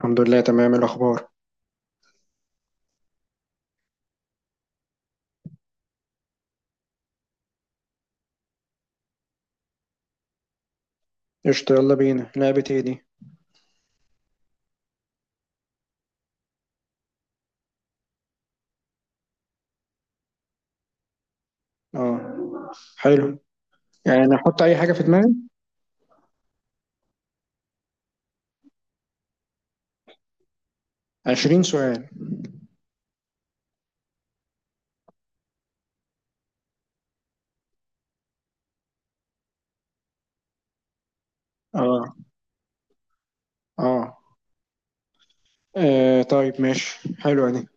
الحمد لله، تمام الأخبار. قشطة، يلا بينا، لعبة ايه دي؟ اه. حلو. يعني نحط أي حاجة في دماغي؟ 20 سؤال. اه. اه. آه، طيب ماشي، حلوة دي.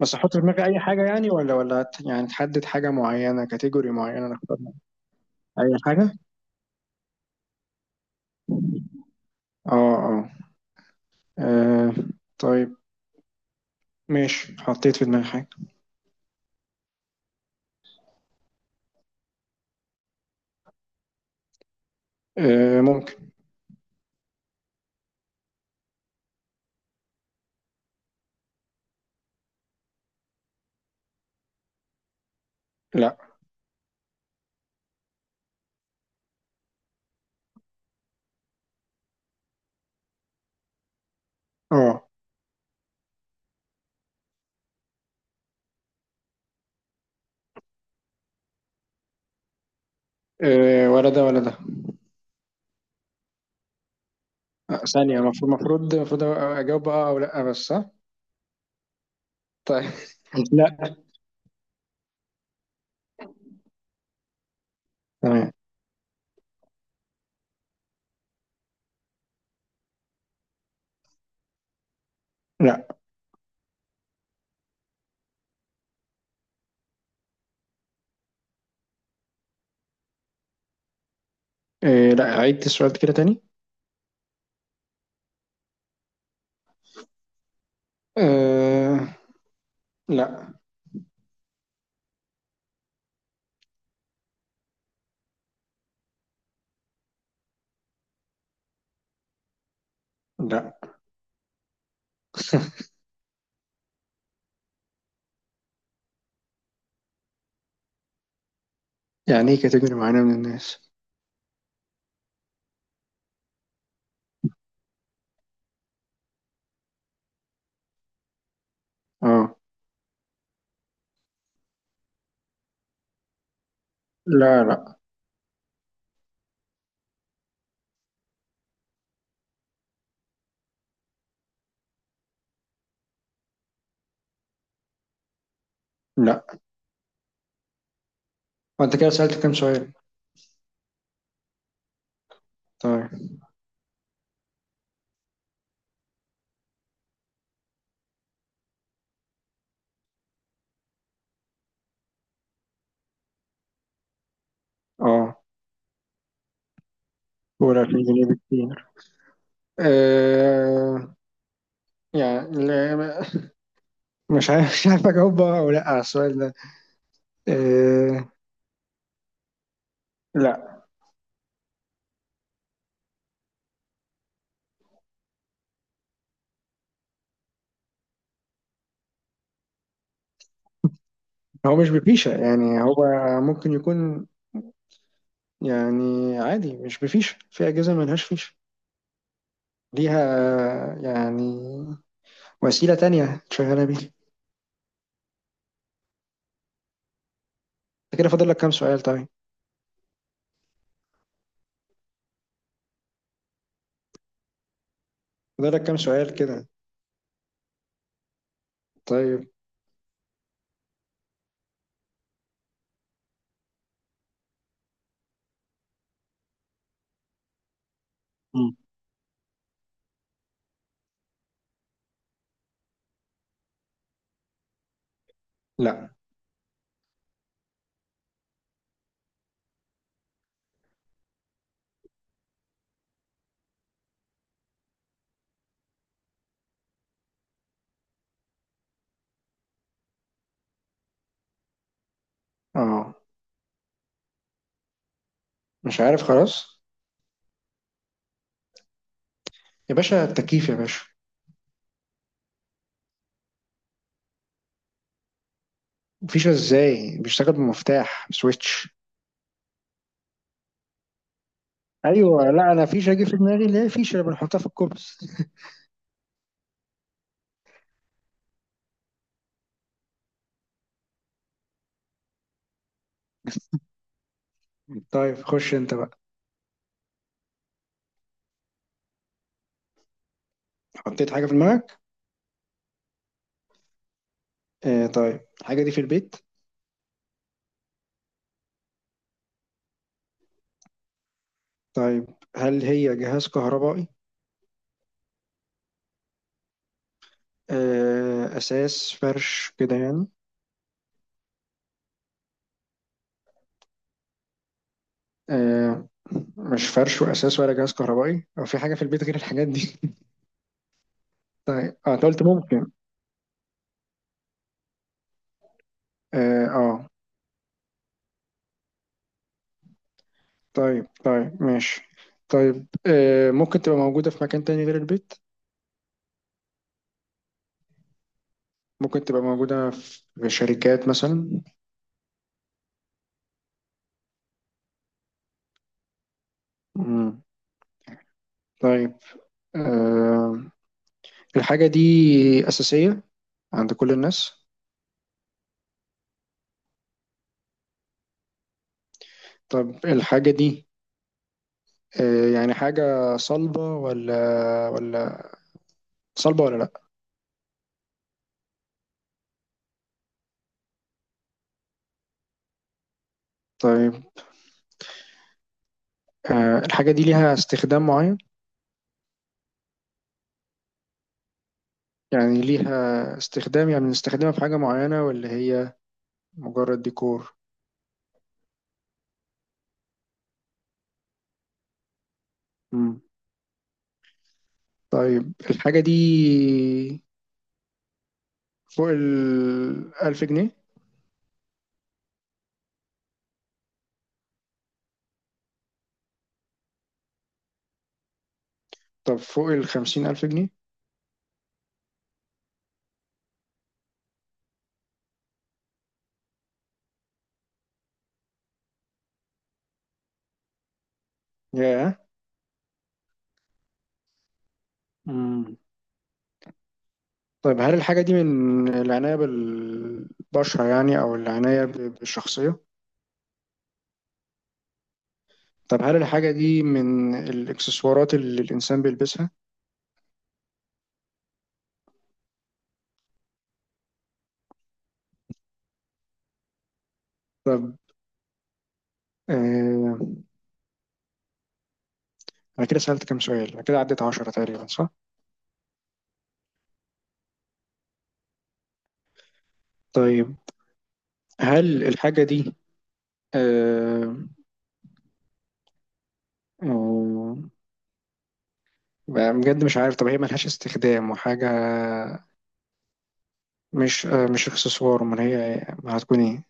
بس أحط في دماغي أي حاجة يعني يعني تحدد حاجة معينة، كاتيجوري معينة نختارها؟ أي حاجة؟ اه اه. آه، طيب. ماشي، حطيت في دماغي حاجة. آه ممكن. لا. اه. آه، ولا ده ولا ده. آه، ثانية. المفروض أجاوب اه أو لأ بس، صح؟ طيب. لا. تمام. لا. إيه، لا، عيد السؤال كده تاني. آه. لا لا. يعني ايه كاتيجوري معينة من الناس؟ اه. لا لا. لا. وانت كده سألت كام سؤال طيب؟ اه. قول 2000 جنيه بكتير. آه. يعني لا ما- مش عارف، اجاوب بقى او لا على السؤال ده. آه. لا. هو مش بفيشة يعني هو ممكن يكون، يعني عادي مش بفيشة، في أجهزة ملهاش فيشة ليها، يعني وسيلة تانية تشغلها بيها. انت كده فاضل لك كام سؤال طيب؟ فاضل لك كام سؤال كده؟ طيب. مم. لا اه. مش عارف خلاص. يا باشا، التكييف يا باشا. فيشة ازاي؟ بيشتغل بمفتاح سويتش. ايوه، لا، انا فيشة جه في دماغي اللي هي فيشة اللي بنحطها في الكوبس. طيب خش انت بقى. حطيت حاجة في دماغك؟ آه، طيب الحاجة دي في البيت؟ طيب، هل هي جهاز كهربائي؟ آه، اساس، فرش كده يعني؟ آه. مش فرش واساس ولا جهاز كهربائي، او في حاجة في البيت غير الحاجات دي؟ طيب اه، انت قلت ممكن. اه آه. طيب طيب ماشي. طيب آه، ممكن تبقى موجودة في مكان تاني غير البيت؟ ممكن تبقى موجودة في شركات مثلا؟ مم. طيب. آه. الحاجة دي أساسية عند كل الناس؟ طب الحاجة دي، آه يعني حاجة صلبة ولا صلبة ولا لأ؟ طيب آه الحاجة دي ليها استخدام معين؟ يعني ليها استخدام، يعني بنستخدمها في حاجة معينة ولا هي مجرد ديكور؟ طيب الحاجة دي فوق ال 1000 جنيه؟ طب فوق ال 50000 جنيه؟ ياه. مم. طيب هل الحاجة دي من العناية بالبشرة يعني، أو العناية ب- بالشخصية؟ طب هل الحاجة دي من الإكسسوارات اللي الإنسان بيلبسها؟ طب. آه. أنا كده سألت كام سؤال؟ أنا كده عديت 10 تقريبا، صح؟ طيب، هل الحاجة دي آه آه بقى بجد مش عارف. طب هي ملهاش استخدام وحاجة؟ مش آه، مش اكسسوار، امال هي ما هتكون ايه؟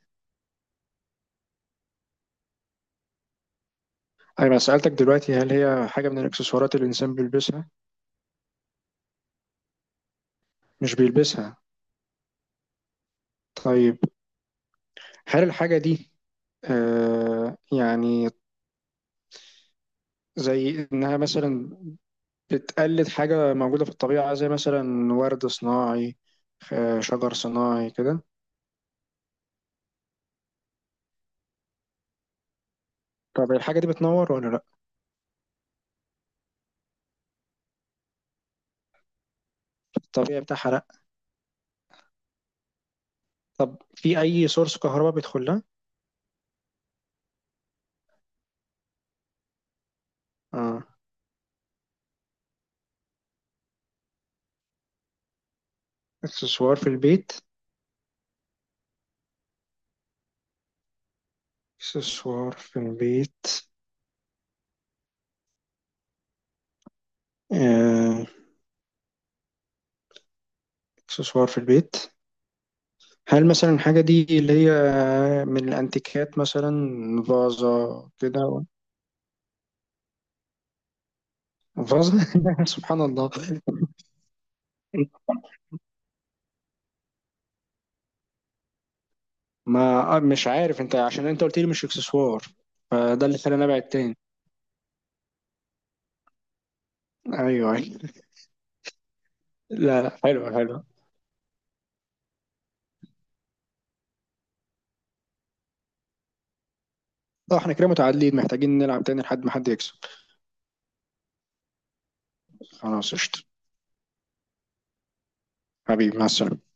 ايوه، أنا سألتك دلوقتي هل هي حاجة من الاكسسوارات اللي الانسان بيلبسها؟ مش بيلبسها؟ طيب، هل الحاجة دي آه يعني زي انها مثلا بتقلد حاجة موجودة في الطبيعة، زي مثلا ورد صناعي، آه، شجر صناعي كده؟ طب الحاجة دي بتنور ولا لا؟ الطبيعي بتاعها لا؟ طب في اي سورس كهرباء بيدخل لها؟ اه. اكسسوار في البيت؟ اكسسوار في البيت؟ آه، اكسسوار في البيت. هل مثلا الحاجة دي اللي هي من الانتيكات مثلا، فازة كده؟ فازة. سبحان الله. ما آه، مش عارف، انت عشان انت قلت لي مش اكسسوار، فده اللي خلاني ابعد تاني. ايوه ايوه. لا لا، حلو حلو. اه، احنا كده متعادلين، محتاجين نلعب تاني لحد ما حد يكسب. خلاص قشطة. حبيبي، مع السلامة.